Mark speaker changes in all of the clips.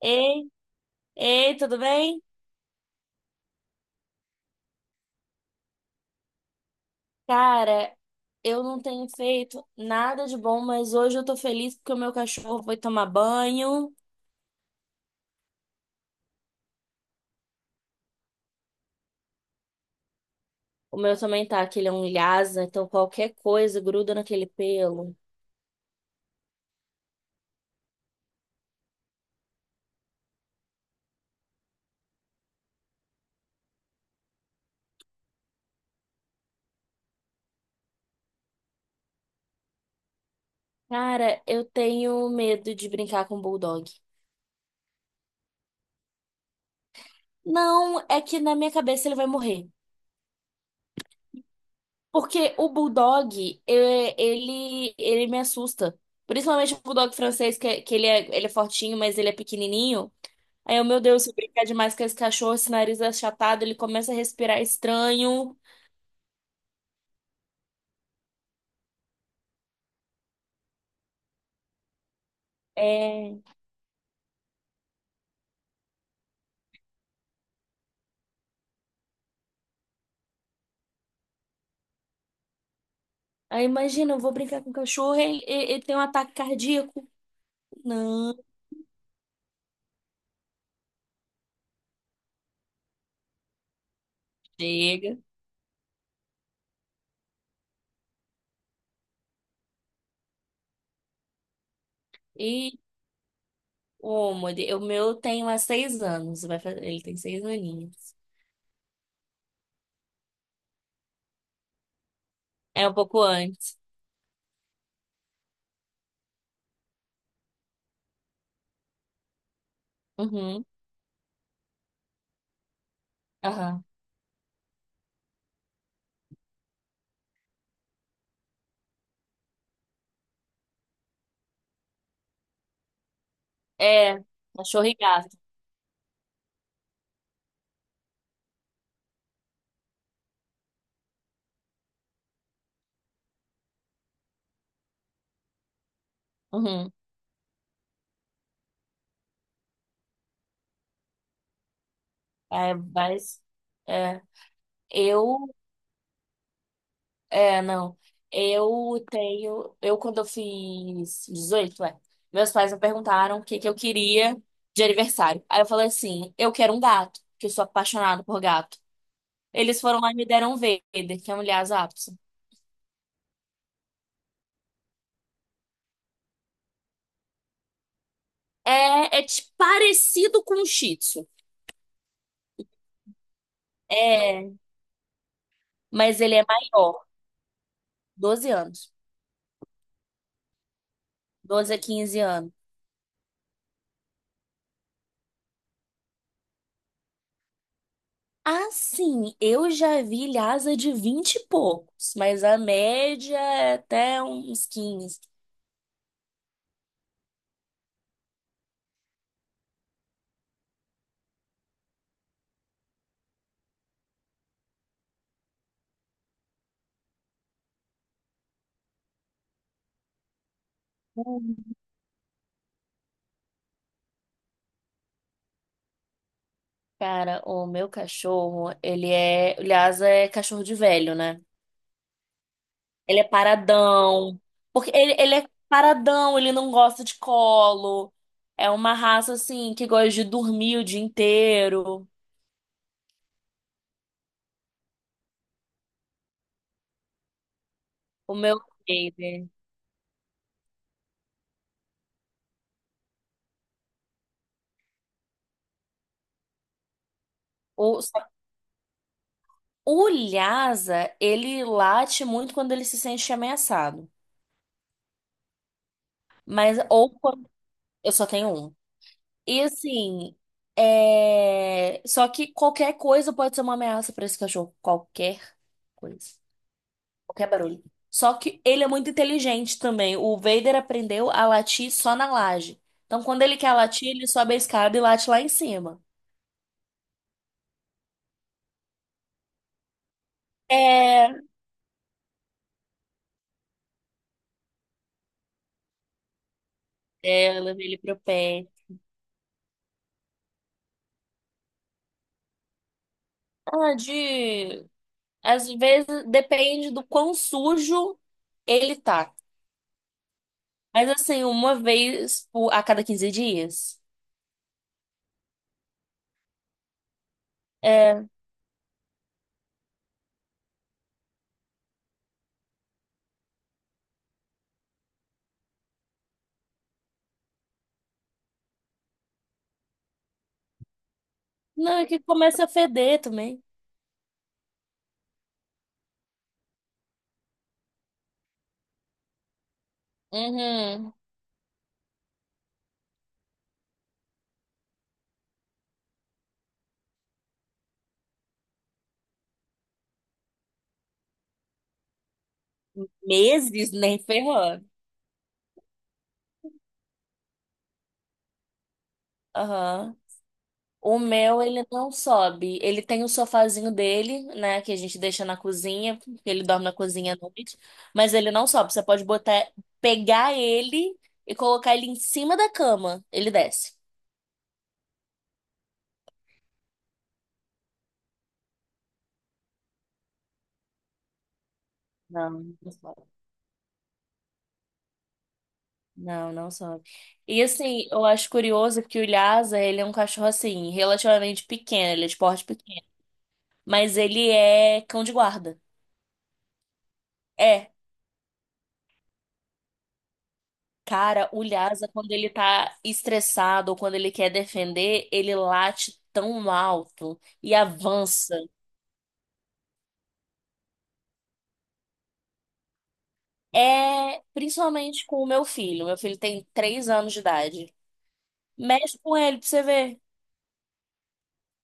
Speaker 1: Ei, ei, tudo bem? Cara, eu não tenho feito nada de bom, mas hoje eu tô feliz porque o meu cachorro foi tomar banho. O meu também tá, que ele é um lhasa, então qualquer coisa gruda naquele pelo. Cara, eu tenho medo de brincar com o bulldog. Não, é que na minha cabeça ele vai morrer. Porque o bulldog, ele me assusta. Principalmente o bulldog francês, que ele é fortinho, mas ele é pequenininho. Aí meu Deus, se brincar demais com esse cachorro, esse nariz é achatado, ele começa a respirar estranho. É. Aí imagina, eu vou brincar com o cachorro, ele tem um ataque cardíaco. Não, chega. E o meu tem há 6 anos, ele tem 6 aninhos. É um pouco antes. Uhum, aham. É, cachorro e gato. Uhum. É, mas, é, eu É, não. Eu tenho. Quando eu fiz 18 meus pais me perguntaram o que que eu queria de aniversário. Aí eu falei assim: eu quero um gato, que eu sou apaixonada por gato. Eles foram lá e me deram um Vader, que é um Lhasa Apso. Parecido com um Shih Tzu. É, mas ele é maior, 12 anos. 12 a 15 anos. Assim, eu já vi Lhasa de 20 e poucos, mas a média é até uns quinze. Cara, o meu cachorro, ele é. O Lhasa é cachorro de velho, né? Ele é paradão. Porque ele é paradão, ele não gosta de colo. É uma raça, assim, que gosta de dormir o dia inteiro. O meu. Ele. O, só- o Lhasa, ele late muito quando ele se sente ameaçado. Mas, ou quando. Eu só tenho um. E assim. Só que qualquer coisa pode ser uma ameaça pra esse cachorro. Qualquer coisa. Qualquer barulho. Só que ele é muito inteligente também. O Vader aprendeu a latir só na laje. Então, quando ele quer latir, ele sobe a escada e late lá em cima. É, eu levei ele pro pé. Ah, às vezes depende do quão sujo ele tá. Mas assim, a cada 15 dias. É. Não, é que começa a feder também. Uhum. Meses, nem ferrou. Aham. O meu, ele não sobe. Ele tem o sofazinho dele, né? Que a gente deixa na cozinha, porque ele dorme na cozinha à noite. Mas ele não sobe. Você pode botar, pegar ele e colocar ele em cima da cama. Ele desce. Não, não sobe. Não, não sobe. E assim, eu acho curioso que o Lhasa, ele é um cachorro assim, relativamente pequeno. Ele é de porte pequeno. Mas ele é cão de guarda. É. Cara, o Lhasa, quando ele tá estressado ou quando ele quer defender, ele late tão alto e avança. É principalmente com o meu filho. Meu filho tem 3 anos de idade. Mexe com ele pra você ver.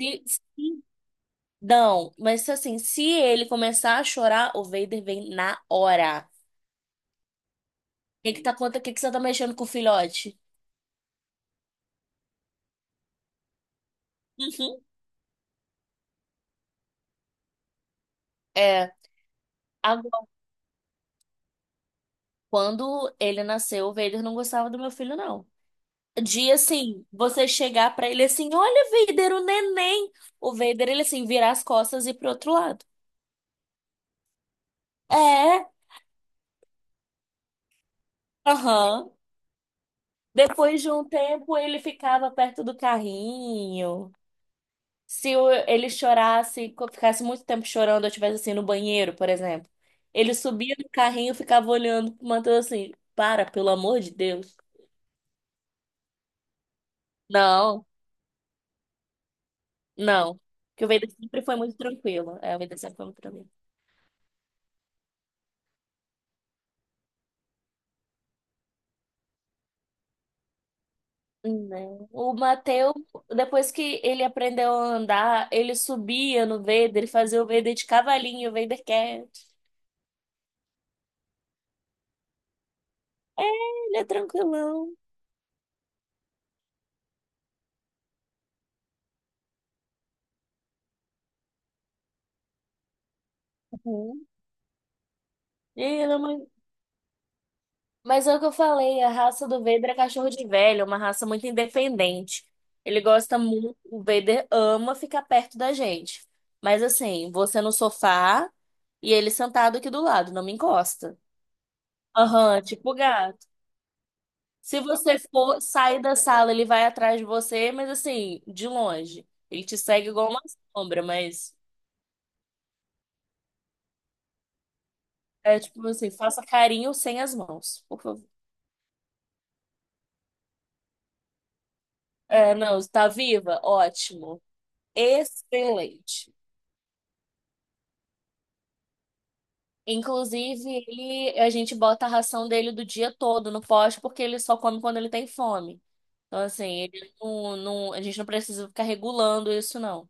Speaker 1: Se, se- não, mas assim, se ele começar a chorar, o Vader vem na hora. O que que tá acontecendo? O que que você tá mexendo com o filhote? Uhum. É. Agora, quando ele nasceu, o Vader não gostava do meu filho, não. De assim, você chegar pra ele assim, olha, Vader, o neném. O Vader, ele assim, virar as costas e ir pro outro lado. É, aham. Depois de um tempo, ele ficava perto do carrinho. Se ele chorasse, ficasse muito tempo chorando, eu estivesse assim no banheiro, por exemplo, ele subia no carrinho e ficava olhando pro Matheus assim, para, pelo amor de Deus. Não, não. Porque o Vader sempre foi muito tranquilo. É, o Vader sempre foi muito tranquilo. Não. Depois que ele aprendeu a andar, ele subia no Vader, ele fazia o Vader de cavalinho, o Vader quer. Ele é tranquilão. Uhum. E ele é uma- mas é o que eu falei, a raça do Vader é cachorro de velho, é uma raça muito independente. Ele gosta muito, o Vader ama ficar perto da gente. Mas assim, você no sofá e ele sentado aqui do lado, não me encosta. Aham, tipo gato. Se você for sair da sala, ele vai atrás de você, mas assim, de longe. Ele te segue igual uma sombra, mas é tipo assim, faça carinho sem as mãos, por favor. É, não, está viva? Ótimo. Excelente. Inclusive, a gente bota a ração dele do dia todo no poste, porque ele só come quando ele tem fome. Então, assim, ele não, não, a gente não precisa ficar regulando isso, não.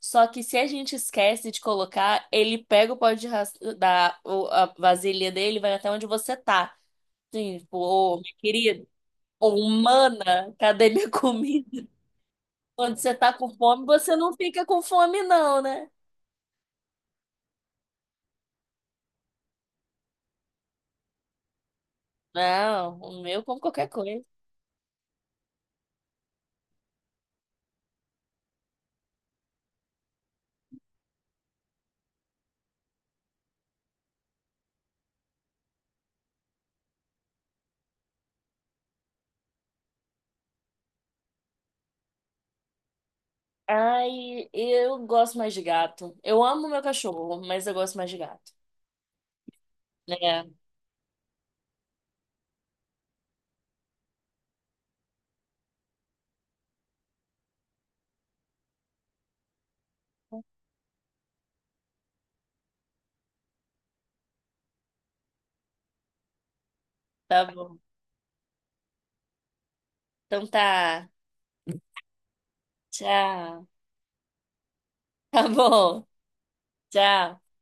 Speaker 1: Só que se a gente esquece de colocar, ele pega o pote de ras- da o- a vasilha dele e vai até onde você tá. Sim, tipo, ô, minha querida, ô, humana, cadê minha comida? Quando você tá com fome, você não fica com fome, não, né? Não, o meu como qualquer coisa. Ai, eu gosto mais de gato. Eu amo meu cachorro, mas eu gosto mais de gato. É, tá bom. Então tá. Tchau. Tá bom. Tchau.